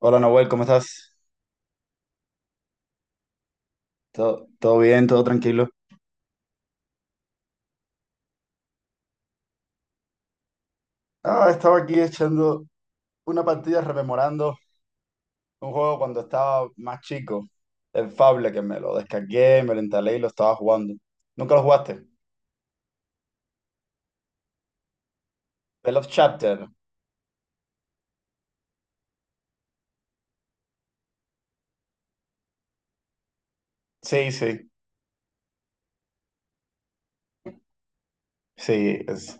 Hola Nahuel, ¿cómo estás? ¿Todo bien? ¿Todo tranquilo? Ah, estaba aquí echando una partida rememorando un juego cuando estaba más chico, el Fable, que me lo descargué, me lo instalé y lo estaba jugando. ¿Nunca lo jugaste? The Love Chapter. Sí, sí, sí.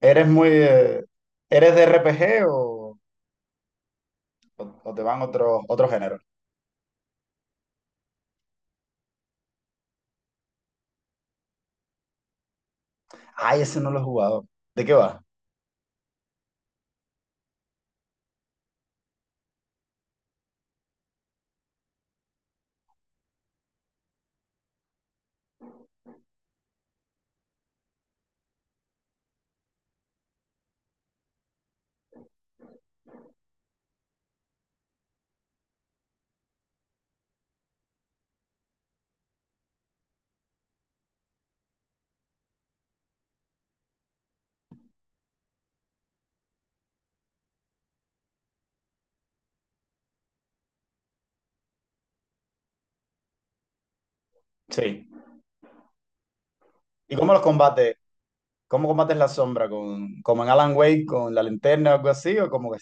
¿Eres muy... eh, ¿Eres de RPG o, o te van otros géneros? Ay, ese no lo he jugado. ¿De qué va? Sí. ¿Y cómo los combates? ¿Cómo combates la sombra? ¿Con, como en Alan Wake, con la linterna o algo así? ¿O cómo? Que?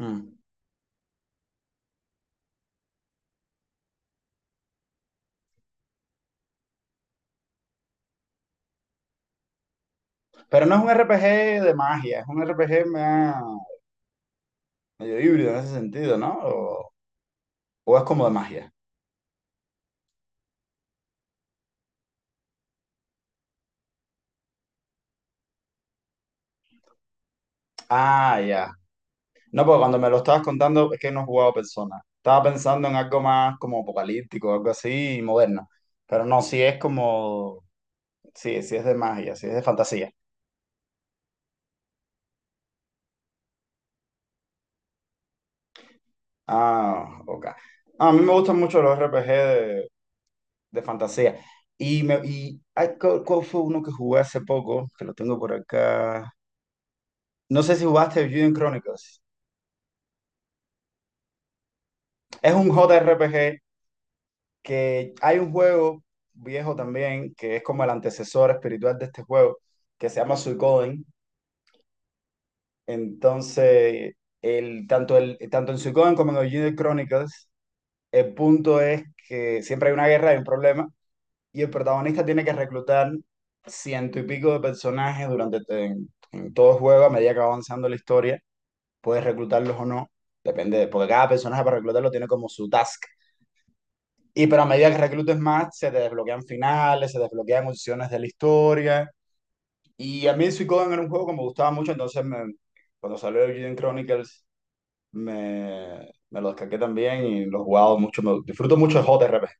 Mm. Pero no es un RPG de magia, es un RPG medio híbrido en ese sentido, ¿no? O es como de magia. Ah, ya. No, porque cuando me lo estabas contando es que no he jugado Persona. Estaba pensando en algo más como apocalíptico, algo así, moderno. Pero no, sí es como. Sí, sí es de magia, sí es de fantasía. Ah, ok. Ah, a mí me gustan mucho los RPG de, fantasía. Y ay, ¿cuál fue uno que jugué hace poco? Que lo tengo por acá. No sé si jugaste Juden Chronicles. Es un JRPG que hay un juego viejo también, que es como el antecesor espiritual de este juego, que se llama Suikoden. Entonces, tanto en Suikoden como en Original Chronicles, el punto es que siempre hay una guerra, hay un problema, y el protagonista tiene que reclutar ciento y pico de personajes durante en todo el juego, a medida que va avanzando la historia, puedes reclutarlos o no, depende, porque cada personaje para reclutarlo tiene como su task. Y pero a medida que reclutes más, se te desbloquean finales, se desbloquean opciones de la historia. Y a mí Suikoden era un juego que me gustaba mucho, entonces cuando salió Eugene Chronicles me lo descargué también y lo he jugado mucho. Disfruto mucho de JRPG.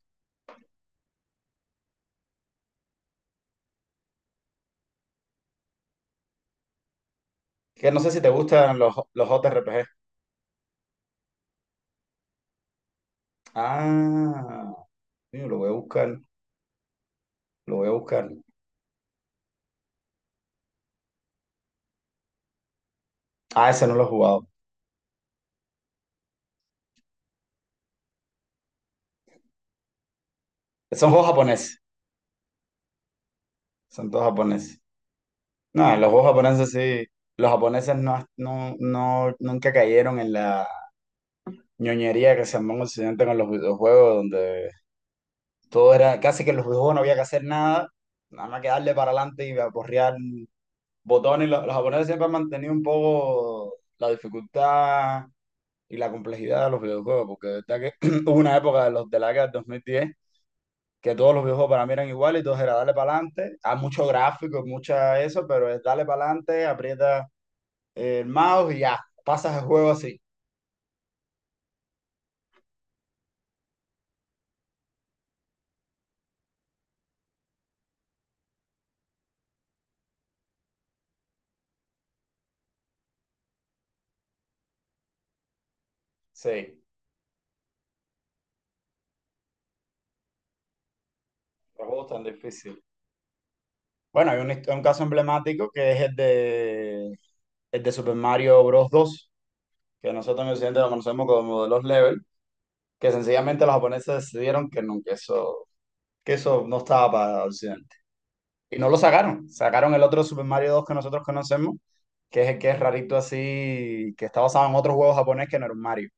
Que no sé si te gustan los JRPG. Ah, coño, lo voy a buscar, lo voy a buscar. Ah, ese no lo he jugado. Son juegos japoneses, son todos japoneses. No, los juegos japoneses sí, los japoneses no, no, no, nunca cayeron en la ñoñería que se armó en Occidente con los videojuegos, donde todo era, casi que en los videojuegos no había que hacer nada, nada más que darle para adelante y aporrear botones. Los japoneses siempre han mantenido un poco la dificultad y la complejidad de los videojuegos, porque de verdad que hubo una época de los de la década del 2010 que todos los videojuegos para mí eran iguales y todos era darle para adelante, hay mucho gráfico, mucha eso, pero es darle para adelante, aprieta el mouse y ya, pasas el juego así. Sí, los juegos tan difíciles. Bueno, hay un caso emblemático que es el de Super Mario Bros. dos, que nosotros en Occidente lo conocemos como de los level, que sencillamente los japoneses decidieron que, no, que eso no estaba para Occidente. Y no lo sacaron, sacaron el otro Super Mario dos que nosotros conocemos, que es el que es rarito así, que está basado en otro juego japonés que no era un Mario.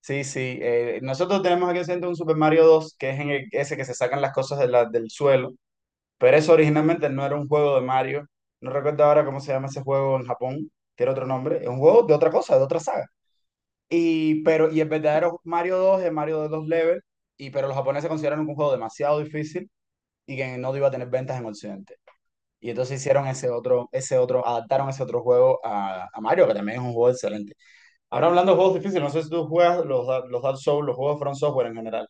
Sí, sí, nosotros tenemos aquí en Occidente un Super Mario dos que es en ese que se sacan las cosas de del suelo. Pero eso originalmente no era un juego de Mario. No recuerdo ahora cómo se llama ese juego en Japón. Tiene otro nombre. Es un juego de otra cosa, de otra saga. Y el verdadero Mario 2 es Mario de dos levels. Pero los japoneses consideraron que un juego demasiado difícil y que no iba a tener ventas en Occidente. Y entonces hicieron ese otro, adaptaron ese otro juego a Mario, que también es un juego excelente. Ahora hablando de juegos difíciles, no sé si tú juegas los Dark Souls, los juegos de From Software en general.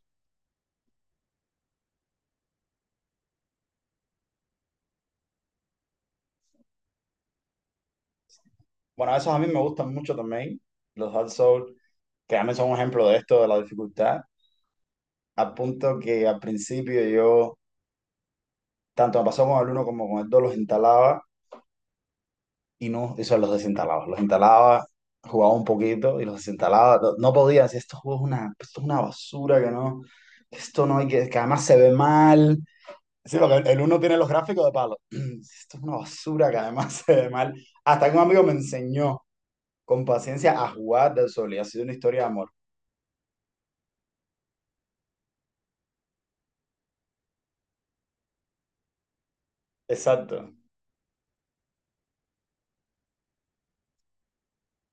Bueno, esos a mí me gustan mucho también, los Dark Souls, que también son un ejemplo de esto, de la dificultad. A punto que al principio yo, tanto me pasó con el uno como con el dos, los instalaba y no, eso los desinstalaba. Los instalaba, jugaba un poquito y los desinstalaba. No, no podía decir, estos juegos es una, esto es una basura, que no, que esto no hay que además se ve mal. Sí, porque el uno tiene los gráficos de palo. Esto es una basura que además se ve mal. Hasta que un amigo me enseñó con paciencia a jugar del sol y ha sido una historia de amor. Exacto.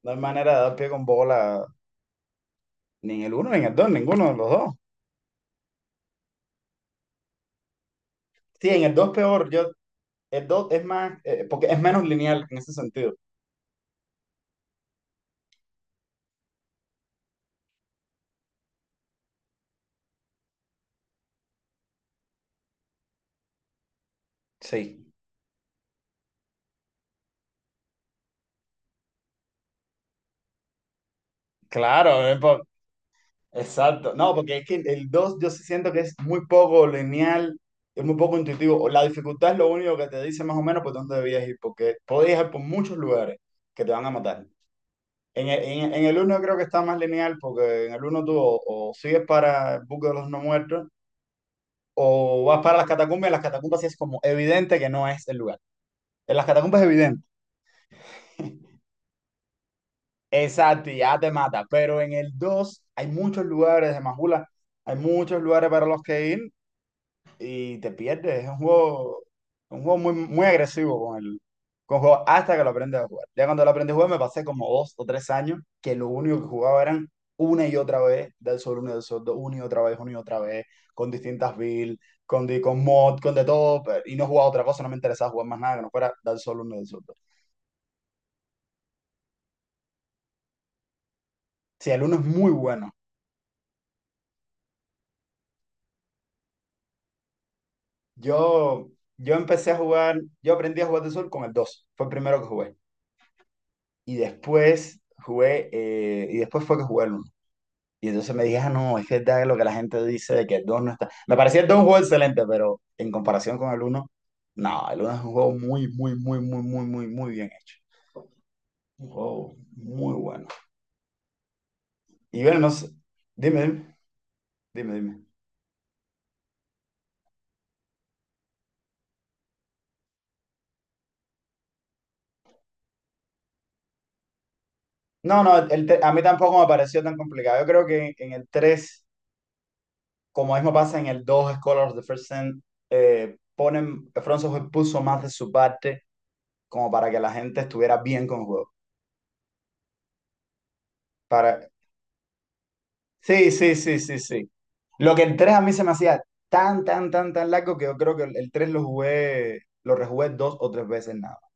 No hay manera de dar pie con bola ni en el uno ni en el dos, ninguno de los dos. Sí, en el 2 peor, el 2 es más, porque es menos lineal en ese sentido. Sí. Claro, es exacto. No, porque es que el 2 yo sí siento que es muy poco lineal, es muy poco intuitivo. La dificultad es lo único que te dice más o menos por dónde debías ir, porque podías ir por muchos lugares que te van a matar. En el 1 creo que está más lineal, porque en el uno tú o sigues para el buque de los no muertos, o vas para las catacumbas, y en las catacumbas sí es como evidente que no es el lugar. En las catacumbas es evidente. Exacto, y ya te mata. Pero en el 2 hay muchos lugares de Majula, hay muchos lugares para los que ir y te pierdes. Es un juego muy, muy agresivo con el, juego hasta que lo aprendes a jugar. Ya cuando lo aprendí a jugar me pasé como 2 o 3 años que lo único que jugaba eran una y otra vez del sol, uno y del sol, dos, una y otra vez, una y otra vez, con distintas builds, con mod, con de todo, y no jugaba otra cosa, no me interesaba jugar más nada que no fuera del sol, uno y del sol. Dos. Sí, el uno es muy bueno. Yo, yo empecé a jugar, yo aprendí a jugar de sol con el 2 fue el primero que jugué. Y después jugué, y después fue que jugué el uno. Y entonces me dije, ah, no, es que es lo que la gente dice de que el 2 no está. Me parecía el 2 un juego excelente, pero en comparación con el uno no, el uno es un juego muy, muy, muy, muy, muy, muy, muy bien hecho. Un juego muy bueno. Y bueno, no sé, dime, dime, dime, dime. No, no, a mí tampoco me pareció tan complicado. Yo creo que en el 3 como mismo pasa en el 2 Scholars of the First Sin, François Hoy puso más de su parte como para que la gente estuviera bien con el juego. Para. Sí, sí, sí, sí, sí. Lo que el 3 a mí se me hacía tan, tan, tan, tan largo que yo creo que el 3 lo jugué, lo rejugué 2 o 3 veces nada más.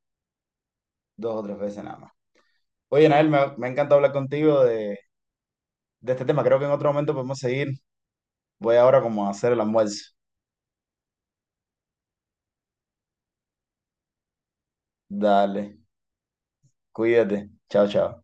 2 o 3 veces nada más. Oye, Nael, me ha encantado hablar contigo de, este tema. Creo que en otro momento podemos seguir. Voy ahora como a hacer el almuerzo. Dale, cuídate. Chao, chao.